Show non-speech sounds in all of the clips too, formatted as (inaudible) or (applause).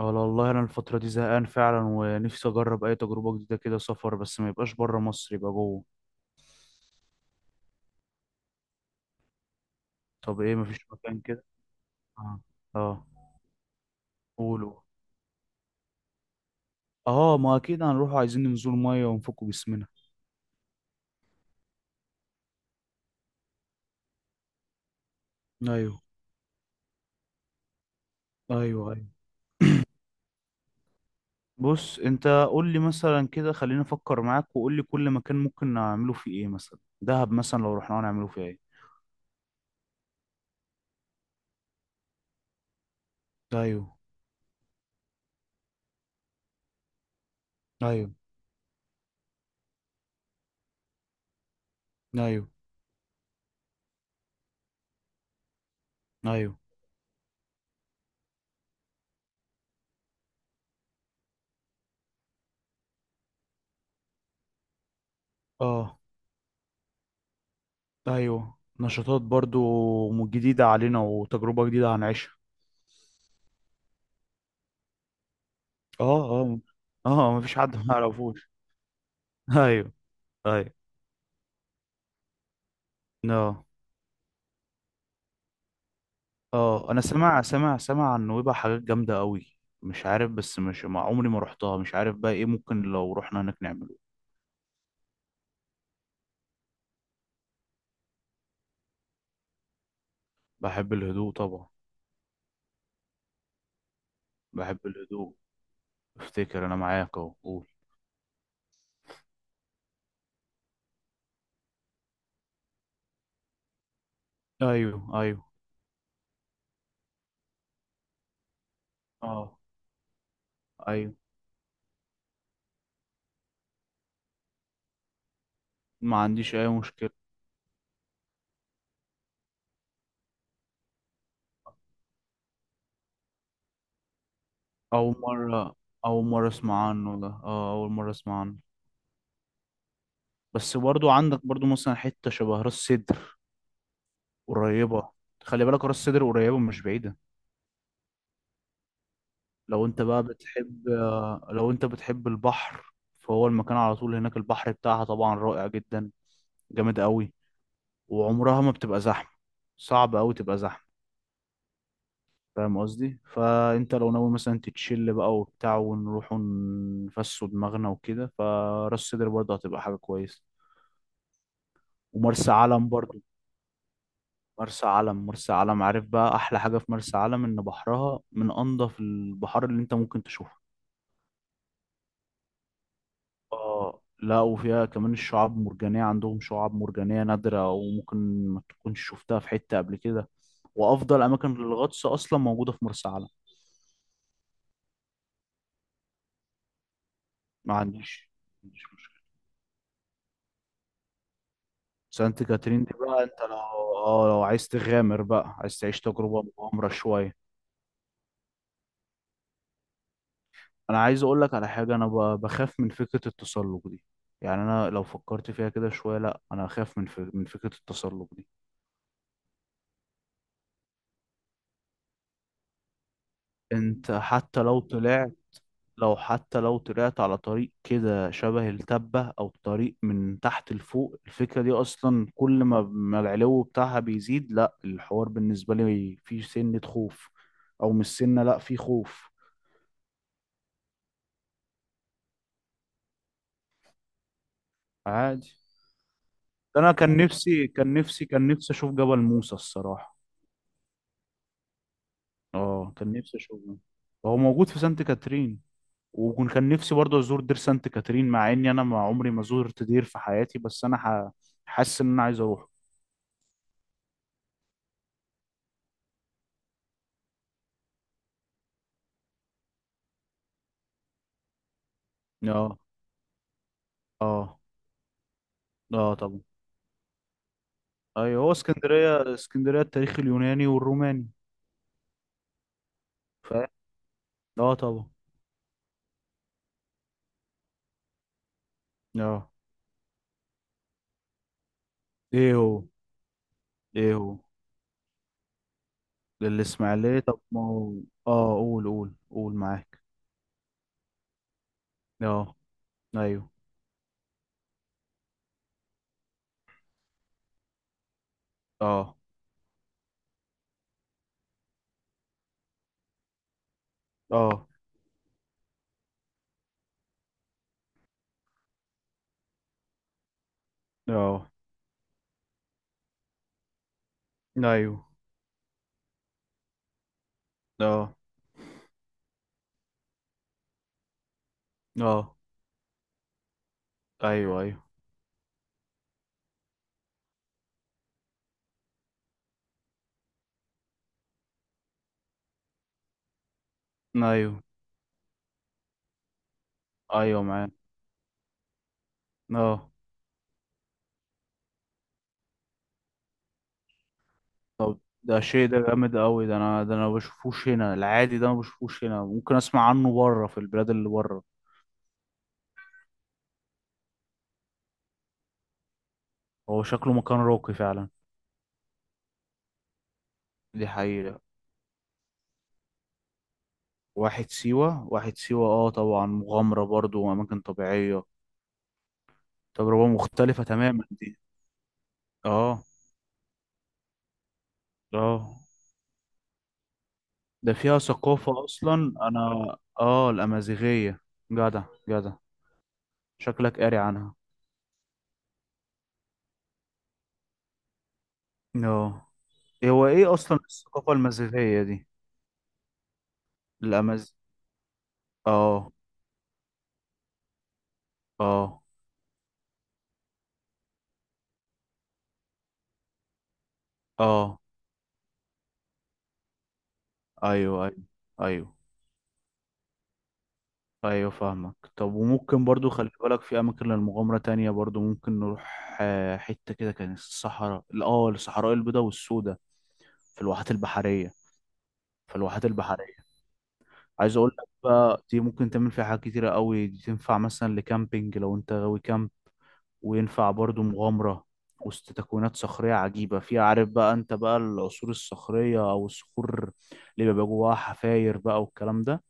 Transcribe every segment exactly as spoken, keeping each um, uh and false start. اه، والله انا الفترة دي زهقان فعلا ونفسي اجرب اي تجربة جديدة كده، سفر بس ما يبقاش بره مصر، يبقى جوه. طب ايه، مفيش مكان كده؟ اه، اه، قولوا. اه، ما اكيد هنروح، عايزين ننزل مية ونفكوا جسمنا. ايوه، ايوه، ايوه، بص انت قول لي مثلا كده، خليني افكر معاك وقول لي كل مكان ممكن نعمله فيه ايه. مثلا دهب، مثلا لو رحنا هنعمله فيه ايه؟ ايوه، ايوه، ايوه، ايوه، اه، ايوه، نشاطات برضو جديدة علينا وتجربة جديدة هنعيشها. اه، اه، اه، مفيش حد ما يعرفوش. (laughs) ايوه، ايوه. اه، اه، انا سمع سمع سمع عن نويبع حاجات جامده قوي. مش عارف، بس مش مع عمري ما رحتها. مش عارف بقى ايه ممكن لو رحنا هناك نعمله. بحب الهدوء طبعا. بحب الهدوء. افتكر انا معاك، اهو قول. ايوه، ايوه، اه، ايوه، ما عنديش اي مشكله. اول مره اول مره اسمع عنه ده. اه، اول مره اسمع عنه. بس برضو عندك برضو مثلا حته شبه راس سدر قريبه. خلي بالك، راس سدر قريبه مش بعيده. لو انت بقى بتحب لو انت بتحب البحر، فهو المكان على طول هناك. البحر بتاعها طبعا رائع جدا، جامد قوي. وعمرها ما بتبقى زحمة، صعب قوي تبقى زحمة، فاهم قصدي. فانت لو ناوي مثلا تتشل بقى وبتاع ونروح نفسوا دماغنا وكده، فراس سدر برضه هتبقى حاجة كويسة، ومرسى علم برضه. مرسى علم مرسى علم، عارف بقى احلى حاجة في مرسى علم؟ ان بحرها من انضف البحار اللي انت ممكن تشوفه. اه، لا، وفيها كمان الشعاب مرجانية، عندهم شعاب مرجانية نادرة وممكن ما تكونش شفتها في حتة قبل كده. وأفضل أماكن للغطس أصلا موجودة في مرسى علم. ما عنديش ما عنديش مشكلة. سانت كاترين دي بقى. أنت لو اه، لو عايز تغامر بقى، عايز تعيش تجربة مغامرة شوية. أنا عايز أقول لك على حاجة، أنا ب- بخاف من فكرة التسلق دي. يعني أنا لو فكرت فيها كده شوية، لا أنا أخاف من ف... من فكرة التسلق دي. أنت حتى لو طلعت لو حتى لو طلعت على طريق كده شبه التبة أو طريق من تحت لفوق، الفكرة دي أصلا كل ما ما العلو بتاعها بيزيد، لا الحوار بالنسبة لي فيه سنة خوف. أو مش سنة، لا فيه خوف. عادي. أنا كان نفسي كان نفسي كان نفسي أشوف جبل موسى الصراحة. اه، كان نفسي أشوفه. هو موجود في سانت كاترين. وكان كان نفسي برضه أزور دير سانت كاترين، مع إني أنا ما عمري ما زرت دير في حياتي. بس أنا ح- حاسس إن أنا عايز أروح. اه، اه، اه طبعا. ايوه، هو اسكندريه اسكندريه التاريخ اليوناني والروماني. فاهم. اه، طبعا. اه، ايه هو ايه هو الاسماعيليه؟ طب ما هو. اه، قول قول قول معاك. اه، ايوه، اه، اه، اه، ايوه، اه، اه، ايوه، ايوه، ايوه، ايوه معاك. اه. طب ده شيء، ده جامد قوي، ده انا ده انا ما بشوفوش هنا، العادي ده ما بشوفوش هنا. ممكن اسمع عنه بره، في البلاد اللي بره. هو شكله مكان راقي فعلا. دي حقيقة. واحد سيوة واحد سيوة. اه طبعا، مغامرة برضو وأماكن طبيعية. تجربة مختلفة تماما دي. اه، اه. ده فيها ثقافة أصلا، أنا. اه، الأمازيغية. جدع، جدع، شكلك قاري عنها. اه، هو ايه أصلا الثقافة المازيغية دي؟ الأماز اه، اه، اه، أيوه، أيوه، أيوه. ايوه، فاهمك. طب وممكن برضو، خلي بالك، في اماكن للمغامرة تانية برضو ممكن نروح، آه، حتة كده كانت الصحراء اه الصحراء البيضاء والسوداء، في الواحات البحرية. في الواحات البحرية عايز اقول لك بقى، دي ممكن تعمل فيها حاجات كتيرة قوي. دي تنفع مثلا لكامبينج لو انت غاوي كامب، وينفع برضو مغامرة وسط تكوينات صخرية عجيبة فيها. عارف بقى انت بقى العصور الصخرية او الصخور اللي بيبقى جواها حفاير بقى والكلام ده.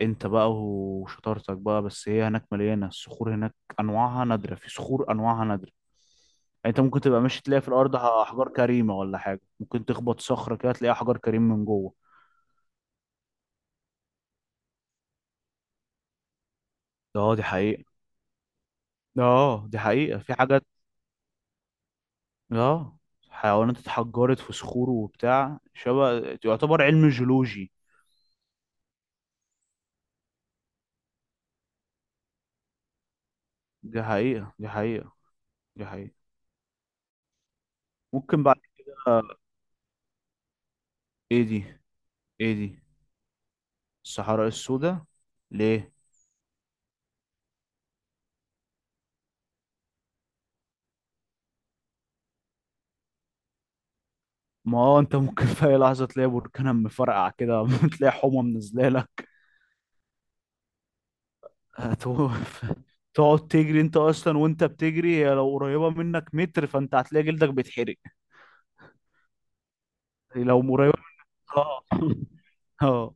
انت بقى وشطارتك بقى. بس هي هناك مليانه، الصخور هناك انواعها نادره، في صخور انواعها نادره. يعني انت ممكن تبقى ماشي تلاقي في الارض احجار كريمه ولا حاجه، ممكن تخبط صخره كده تلاقي احجار كريم من جوه. اه، دي حقيقه. اه دي حقيقه في حاجات، اه حيوانات اتحجرت في صخور وبتاع، شبه يعتبر علم جيولوجي. دي حقيقه، دي حقيقه، دي حقيقه. ممكن بعد كده. ايه دي ايه دي؟ الصحراء السوداء، ليه؟ ما هو انت ممكن في اي لحظه تلاقي بركان مفرقع كده، (laughs) تلاقي حمى منزله لك. هتقف، تقعد تجري. انت اصلا وانت بتجري، هي لو قريبه منك متر، فانت هتلاقي جلدك بيتحرق لو قريبه. اه، (laughs) اه،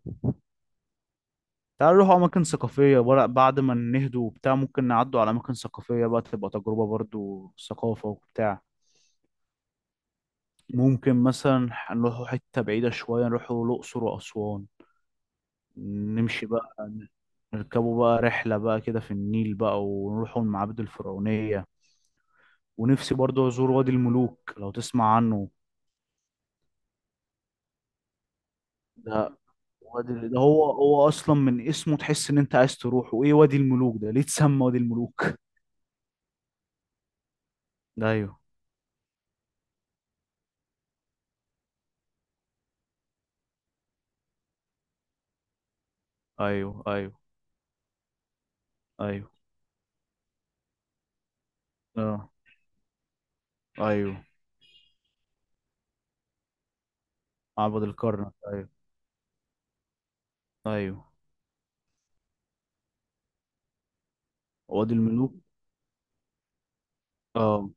تعالوا نروح اماكن ثقافيه بقى، بعد ما نهدوا وبتاع ممكن نعدوا على اماكن ثقافيه بقى، تبقى تجربه برضو ثقافه وبتاع. ممكن مثلا نروحوا حته بعيده شويه، نروحوا الاقصر واسوان. نمشي بقى، نركبوا بقى رحلة بقى كده في النيل بقى ونروحوا المعابد الفرعونية. ونفسي برضو أزور وادي الملوك لو تسمع عنه. ده وادي ده هو هو أصلا من اسمه تحس إن أنت عايز تروح. وإيه وادي الملوك ده؟ ليه اتسمى وادي الملوك؟ ده، أيوه، أيوه، أيوه، أيوه، أه، أيوه. معبد الكرنك، أيوه، أيوه. وادي الملوك، أه،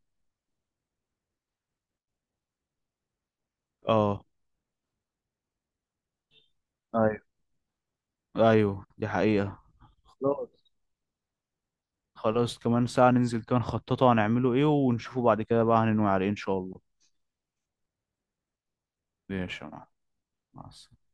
أه، أيوه، أيوه، دي حقيقة. خلاص، خلاص، كمان ساعة ننزل كده نخططه هنعمله ايه، ونشوفه بعد كده بقى هننوي على ايه ان شاء الله. ماشي يا معلم، مع السلامة.